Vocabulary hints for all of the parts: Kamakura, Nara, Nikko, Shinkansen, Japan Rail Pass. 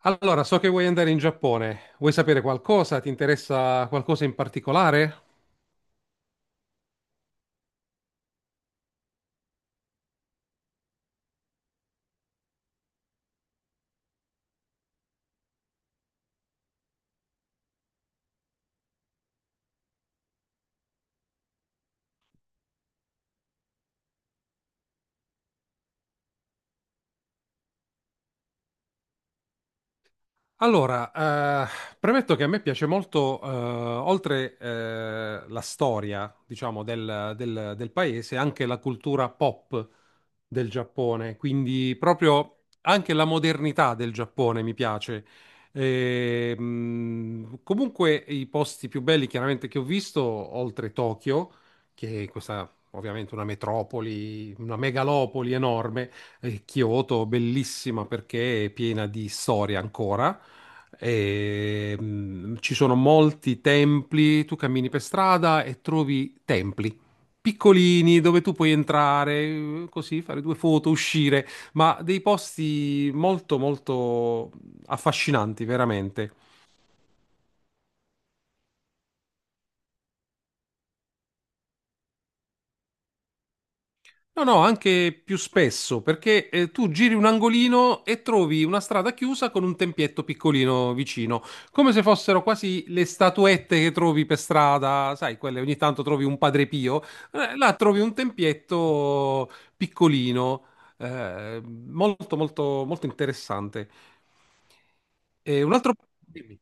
Allora, so che vuoi andare in Giappone. Vuoi sapere qualcosa? Ti interessa qualcosa in particolare? Allora, eh, premetto che a me piace molto, oltre la storia, diciamo, del paese, anche la cultura pop del Giappone, quindi proprio anche la modernità del Giappone mi piace. Comunque i posti più belli chiaramente che ho visto, oltre Tokyo, che è questa ovviamente una metropoli, una megalopoli enorme, e Kyoto, bellissima perché è piena di storia ancora. Ci sono molti templi, tu cammini per strada e trovi templi piccolini dove tu puoi entrare, così fare due foto, uscire, ma dei posti molto molto affascinanti, veramente. No, no, anche più spesso, perché tu giri un angolino e trovi una strada chiusa con un tempietto piccolino vicino, come se fossero quasi le statuette che trovi per strada, sai, quelle ogni tanto trovi un Padre Pio, là trovi un tempietto piccolino, molto, molto, molto interessante. E un altro, dimmi,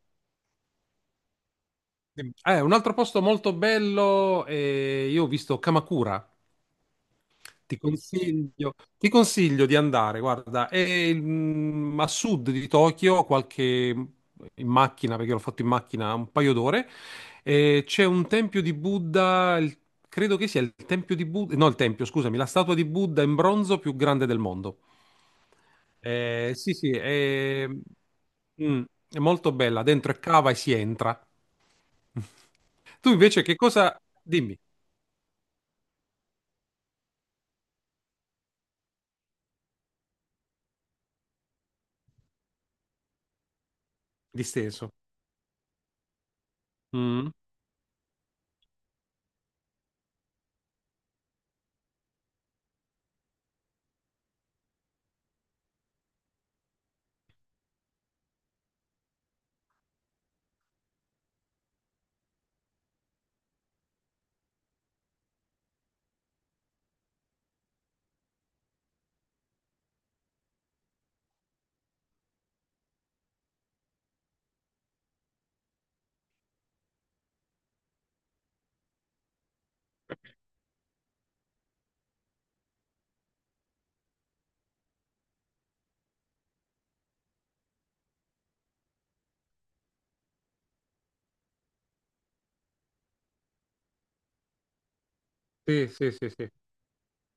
dimmi. Un altro posto molto bello, io ho visto Kamakura. Ti consiglio di andare, guarda, a sud di Tokyo, qualche in macchina, perché l'ho fatto in macchina un paio d'ore, e c'è un tempio di Buddha, credo che sia il tempio di Buddha, no, il tempio, scusami, la statua di Buddha in bronzo più grande del mondo. Sì, sì, è, mm, è molto bella, dentro è cava e si entra. Tu invece che cosa... Dimmi, disteso. Mm. Sì, sì, sì, sì.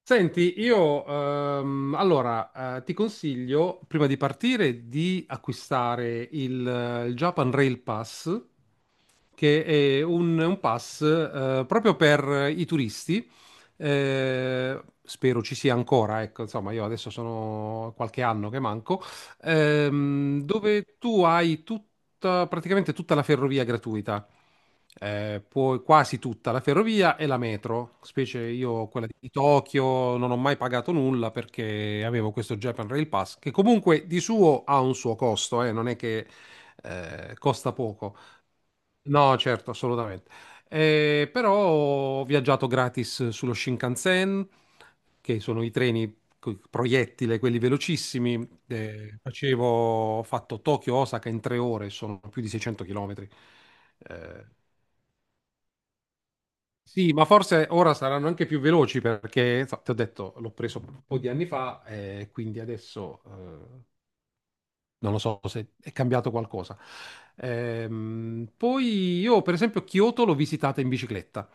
Senti, io ti consiglio, prima di partire, di acquistare il Japan Rail Pass, che è un pass proprio per i turisti. Spero ci sia ancora, ecco, insomma, io adesso sono qualche anno che manco, dove tu hai tutta, praticamente tutta la ferrovia gratuita poi quasi tutta la ferrovia e la metro, specie io quella di Tokyo non ho mai pagato nulla perché avevo questo Japan Rail Pass che comunque di suo ha un suo costo, non è che costa poco. No, certo, assolutamente. Però ho viaggiato gratis sullo Shinkansen, che sono i treni proiettile, quelli velocissimi. Ho fatto Tokyo-Osaka in 3 ore, sono più di 600 chilometri. Eh, sì, ma forse ora saranno anche più veloci perché, so, ti ho detto, l'ho preso un po' di anni fa e quindi adesso non lo so se è cambiato qualcosa. Poi io, per esempio, Kyoto l'ho visitata in bicicletta.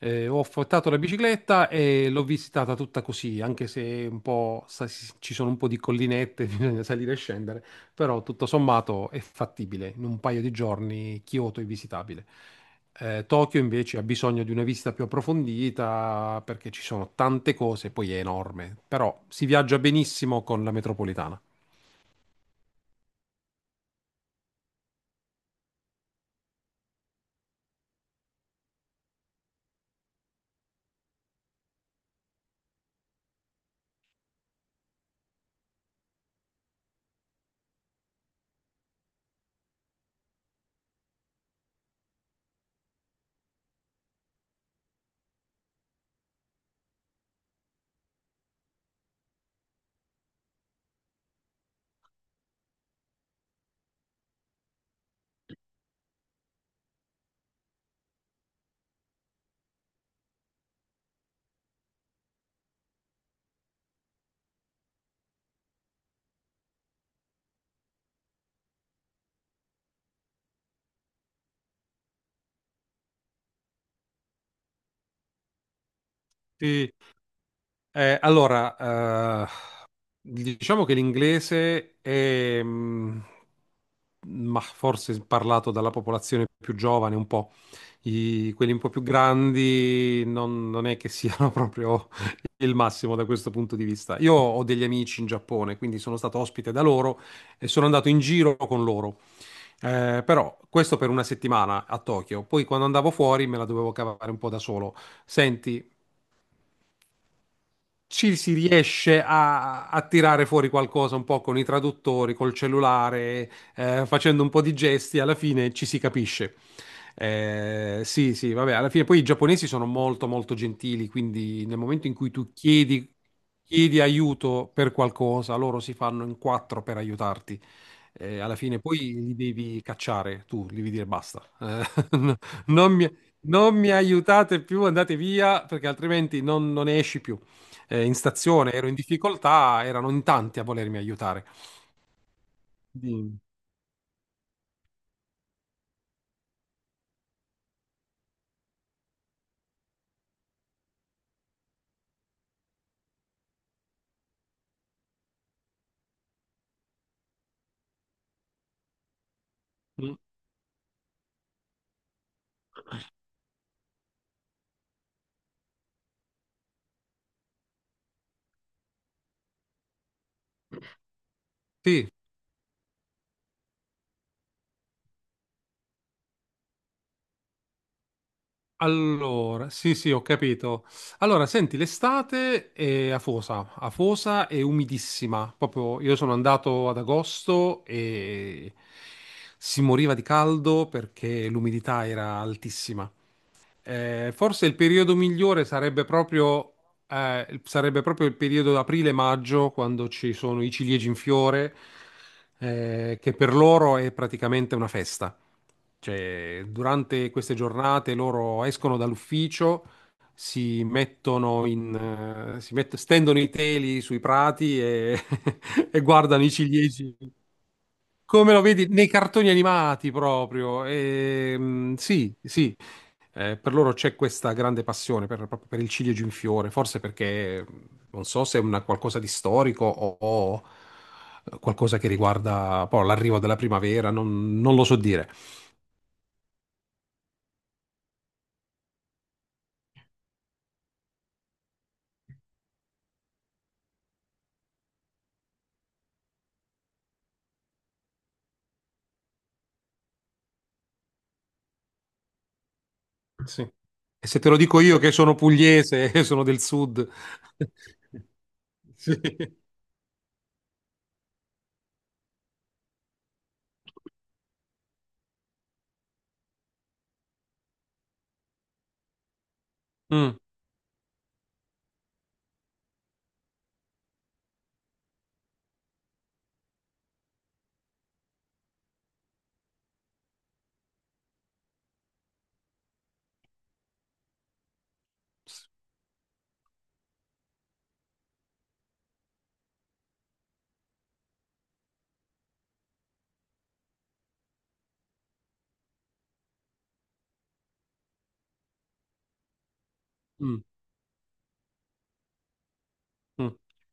Ho affittato la bicicletta e l'ho visitata tutta così, anche se un po', ci sono un po' di collinette, bisogna salire e scendere, però tutto sommato è fattibile. In un paio di giorni Kyoto è visitabile. Tokyo invece ha bisogno di una visita più approfondita perché ci sono tante cose, poi è enorme, però si viaggia benissimo con la metropolitana. Sì, Eh, allora, eh, diciamo che l'inglese è, ma forse parlato dalla popolazione più giovane un po'. Quelli un po' più grandi non è che siano proprio il massimo da questo punto di vista. Io ho degli amici in Giappone, quindi sono stato ospite da loro e sono andato in giro con loro. Però questo per 1 settimana a Tokyo. Poi quando andavo fuori me la dovevo cavare un po' da solo. Senti, ci si riesce a tirare fuori qualcosa un po' con i traduttori, col cellulare, facendo un po' di gesti, alla fine ci si capisce. Sì, sì, vabbè, alla fine poi i giapponesi sono molto, molto gentili, quindi nel momento in cui tu chiedi, chiedi aiuto per qualcosa, loro si fanno in quattro per aiutarti. Alla fine poi li devi cacciare, tu li devi dire basta. No, non mi, non mi aiutate più, andate via, perché altrimenti non ne esci più. In stazione ero in difficoltà, erano in tanti a volermi aiutare. Dimmi. Mm, Sì, allora, sì, sì, ho capito. Allora, senti, l'estate è afosa, afosa e umidissima. Proprio io sono andato ad agosto e si moriva di caldo perché l'umidità era altissima. Forse il periodo migliore sarebbe proprio il periodo da aprile-maggio, quando ci sono i ciliegi in fiore, che per loro è praticamente una festa. Cioè, durante queste giornate loro escono dall'ufficio, si mettono in, si mett- stendono i teli sui prati e, e guardano i ciliegi. Come lo vedi nei cartoni animati proprio. Sì, sì, per loro c'è questa grande passione proprio per il ciliegio in fiore, forse perché non so se è una qualcosa di storico o qualcosa che riguarda poi l'arrivo della primavera, non lo so dire. Sì. E se te lo dico io che sono pugliese, e sono del sud. Sì. Mm. Mm. Mm.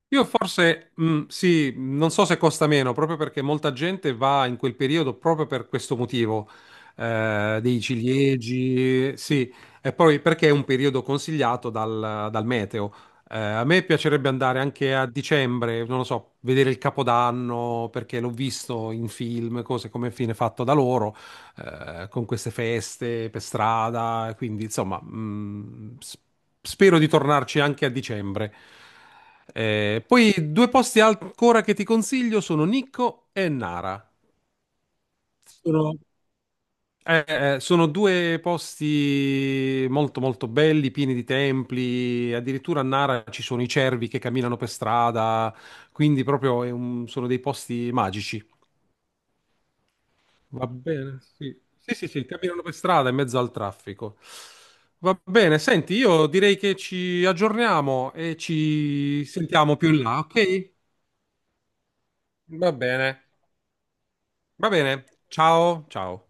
Io forse, mm, sì, non so se costa meno, proprio perché molta gente va in quel periodo proprio per questo motivo, dei ciliegi, sì, e poi perché è un periodo consigliato dal meteo. A me piacerebbe andare anche a dicembre, non lo so, vedere il Capodanno, perché l'ho visto in film, cose come fine fatto da loro, con queste feste per strada, quindi insomma, spero di tornarci anche a dicembre. Poi due posti ancora che ti consiglio sono Nikko e Nara. Sono, eh, sono due posti molto molto belli, pieni di templi, addirittura a Nara ci sono i cervi che camminano per strada, quindi sono dei posti magici. Va bene, sì. Sì, sì, sì, camminano per strada in mezzo al traffico. Va bene, senti, io direi che ci aggiorniamo e ci sentiamo più in là, ok? Va bene, va bene. Ciao, ciao.